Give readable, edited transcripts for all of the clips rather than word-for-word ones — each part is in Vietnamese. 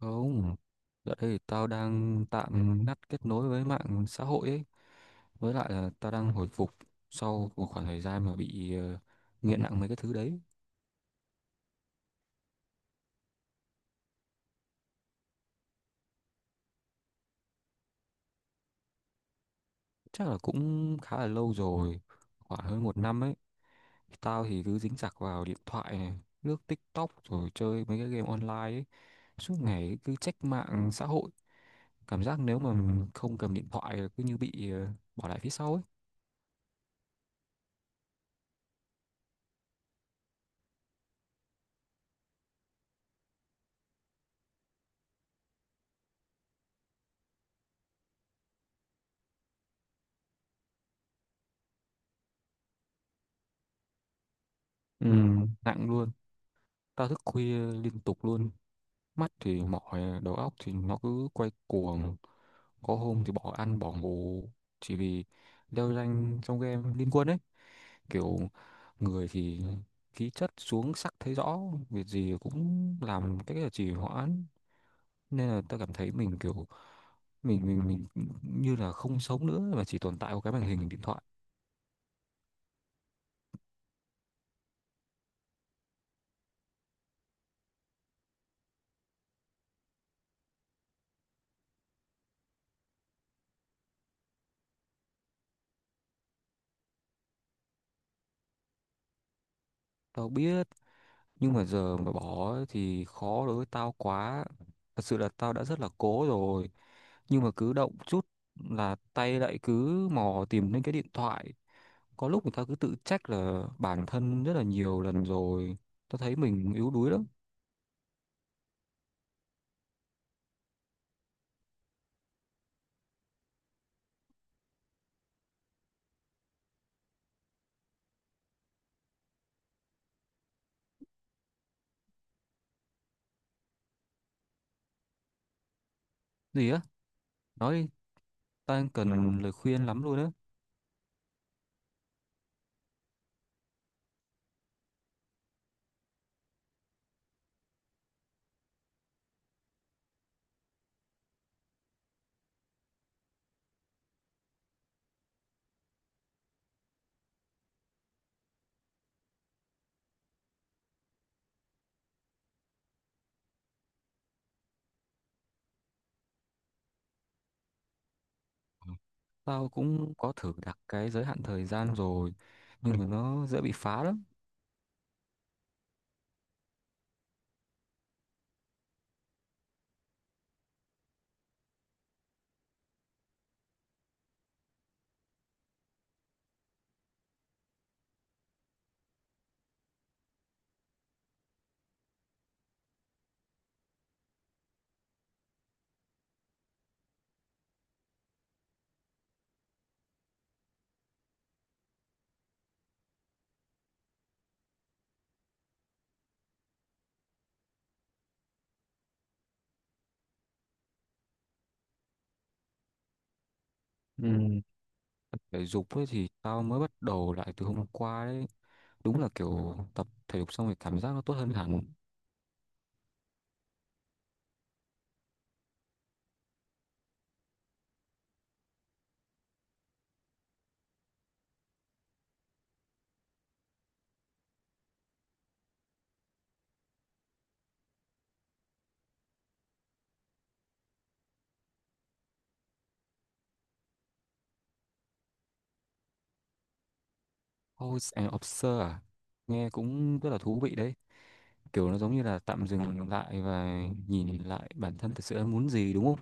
Không, dạo đây thì tao đang tạm ngắt kết nối với mạng xã hội ấy. Với lại là tao đang hồi phục sau một khoảng thời gian mà bị nghiện nặng mấy cái thứ đấy. Chắc là cũng khá là lâu rồi, khoảng hơn một năm ấy. Tao thì cứ dính chặt vào điện thoại này, lướt TikTok rồi chơi mấy cái game online ấy. Suốt ngày cứ check mạng xã hội. Cảm giác nếu mà mình không cầm điện thoại là cứ như bị bỏ lại phía sau ấy. Ừ, nặng luôn. Tao thức khuya liên tục luôn. Mắt thì mỏi, đầu óc thì nó cứ quay cuồng. Có hôm thì bỏ ăn bỏ ngủ chỉ vì leo rank trong game liên quân ấy. Kiểu người thì khí chất xuống sắc thấy rõ, việc gì cũng làm cái là trì hoãn. Nên là ta cảm thấy mình kiểu mình như là không sống nữa mà chỉ tồn tại qua cái màn hình điện thoại. Tao biết, nhưng mà giờ mà bỏ thì khó đối với tao quá. Thật sự là tao đã rất là cố rồi, nhưng mà cứ động chút là tay lại cứ mò tìm đến cái điện thoại. Có lúc người ta cứ tự trách là bản thân rất là nhiều lần rồi. Tao thấy mình yếu đuối lắm. Gì á? Nói đi, tao đang cần lời khuyên lắm luôn á. Tao cũng có thử đặt cái giới hạn thời gian rồi, nhưng mà nó dễ bị phá lắm. Ừ. Thể dục ấy thì tao mới bắt đầu lại từ hôm qua đấy. Đúng là kiểu tập thể dục xong rồi cảm giác nó tốt hơn hẳn. House and Observer à? Nghe cũng rất là thú vị đấy, kiểu nó giống như là tạm dừng lại và nhìn lại bản thân thật sự em muốn gì đúng không?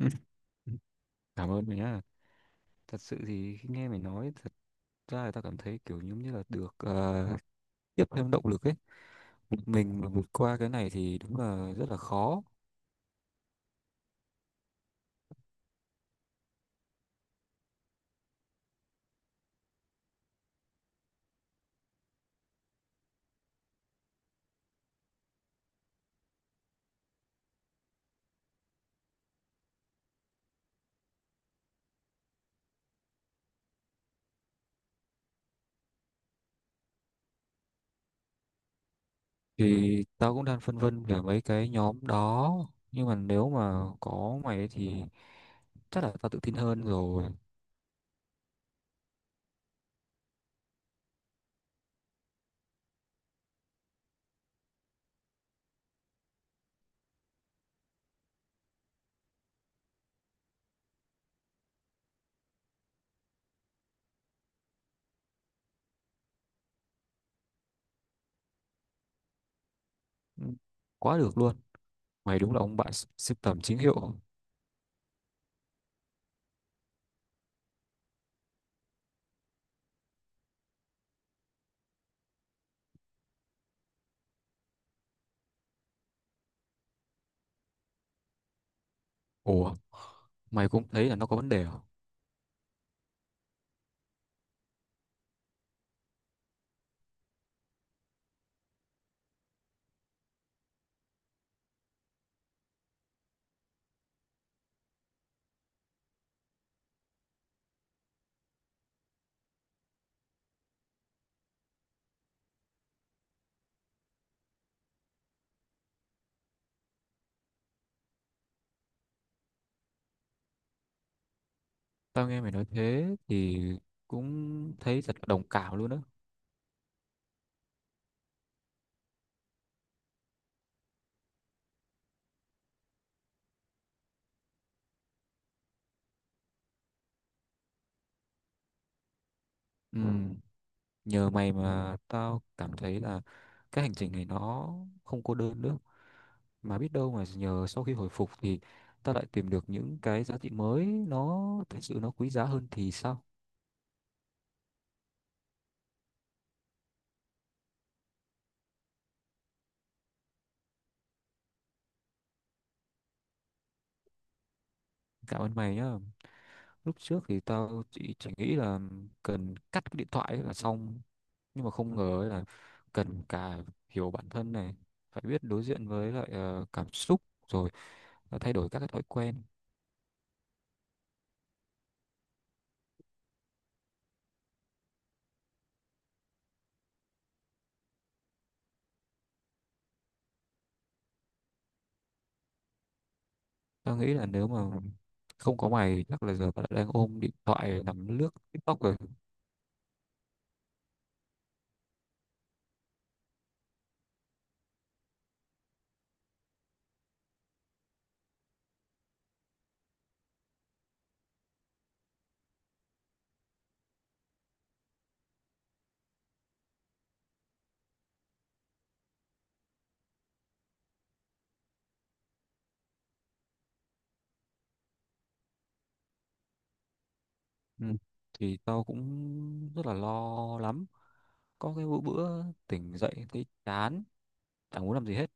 Ừ. Cảm ơn mày nhá. Thật sự thì khi nghe mày nói thật ra là tao cảm thấy kiểu giống như là được tiếp thêm động lực ấy. Mình mà vượt qua cái này thì đúng là rất là khó. Thì tao cũng đang phân vân về mấy cái nhóm đó, nhưng mà nếu mà có mày ấy thì chắc là tao tự tin hơn rồi. Ừ, quá được luôn. Mày đúng là ông bạn sưu tầm chính hiệu. Ủa, mày cũng thấy là nó có vấn đề à? Tao nghe mày nói thế thì cũng thấy thật là đồng cảm luôn á. Ừ, nhờ mày mà tao cảm thấy là cái hành trình này nó không cô đơn nữa. Mà biết đâu mà nhờ sau khi hồi phục thì tao lại tìm được những cái giá trị mới nó thật sự nó quý giá hơn thì sao? Cảm ơn mày nhá. Lúc trước thì tao chỉ nghĩ là cần cắt cái điện thoại ấy là xong. Nhưng mà không ngờ ấy là cần cả hiểu bản thân này, phải biết đối diện với lại cảm xúc, rồi thay đổi các cái thói quen. Tao nghĩ là nếu mà không có mày chắc là giờ tao đã đang ôm điện thoại nằm lướt TikTok rồi. Ừ. Thì tao cũng rất là lo lắm. Có cái bữa tỉnh dậy thấy chán, chẳng muốn làm gì hết.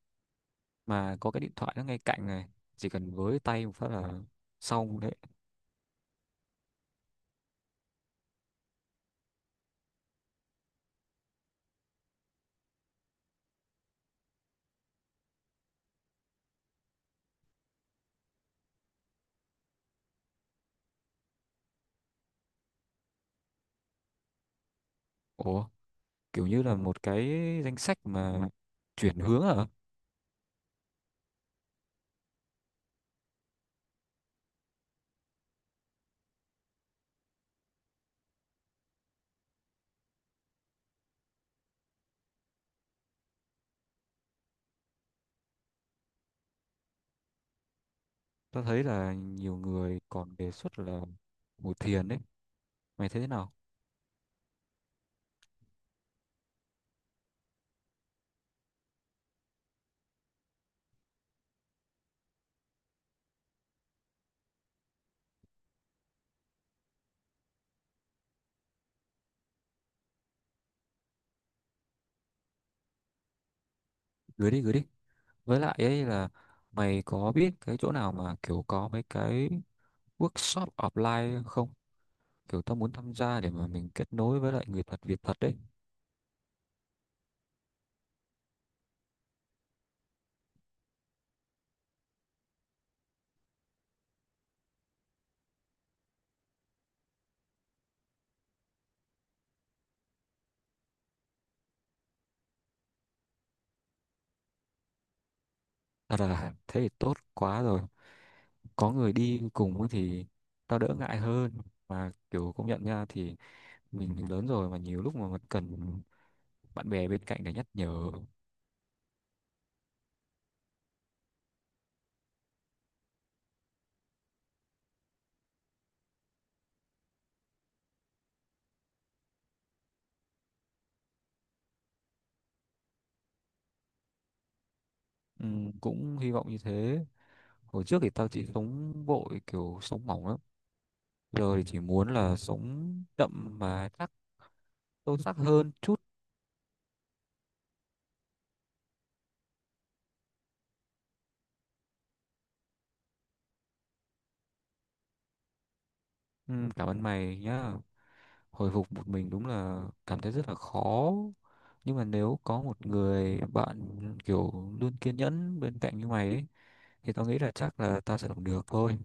Mà có cái điện thoại nó ngay cạnh này, chỉ cần với tay một phát là xong đấy. Ủa, kiểu như là một cái danh sách mà chuyển hướng à? Tao thấy là nhiều người còn đề xuất là ngồi thiền đấy. Mày thấy thế nào? Gửi đi, gửi đi. Với lại ấy là mày có biết cái chỗ nào mà kiểu có mấy cái workshop offline không? Kiểu tao muốn tham gia để mà mình kết nối với lại người thật việc thật đấy. Thật là thế thì tốt quá rồi. Có người đi cùng ấy thì tao đỡ ngại hơn. Mà kiểu công nhận nha thì mình lớn rồi mà nhiều lúc mà mình cần bạn bè bên cạnh để nhắc nhở. Ừ, cũng hy vọng như thế. Hồi trước thì tao chỉ sống vội kiểu sống mỏng lắm. Giờ thì chỉ muốn là sống đậm mà chắc sâu sắc hơn chút. Ừ, cảm ơn mày nhá. Hồi phục một mình đúng là cảm thấy rất là khó. Nhưng mà nếu có một người bạn kiểu luôn kiên nhẫn bên cạnh như mày ấy, thì tao nghĩ là chắc là tao sẽ làm được thôi.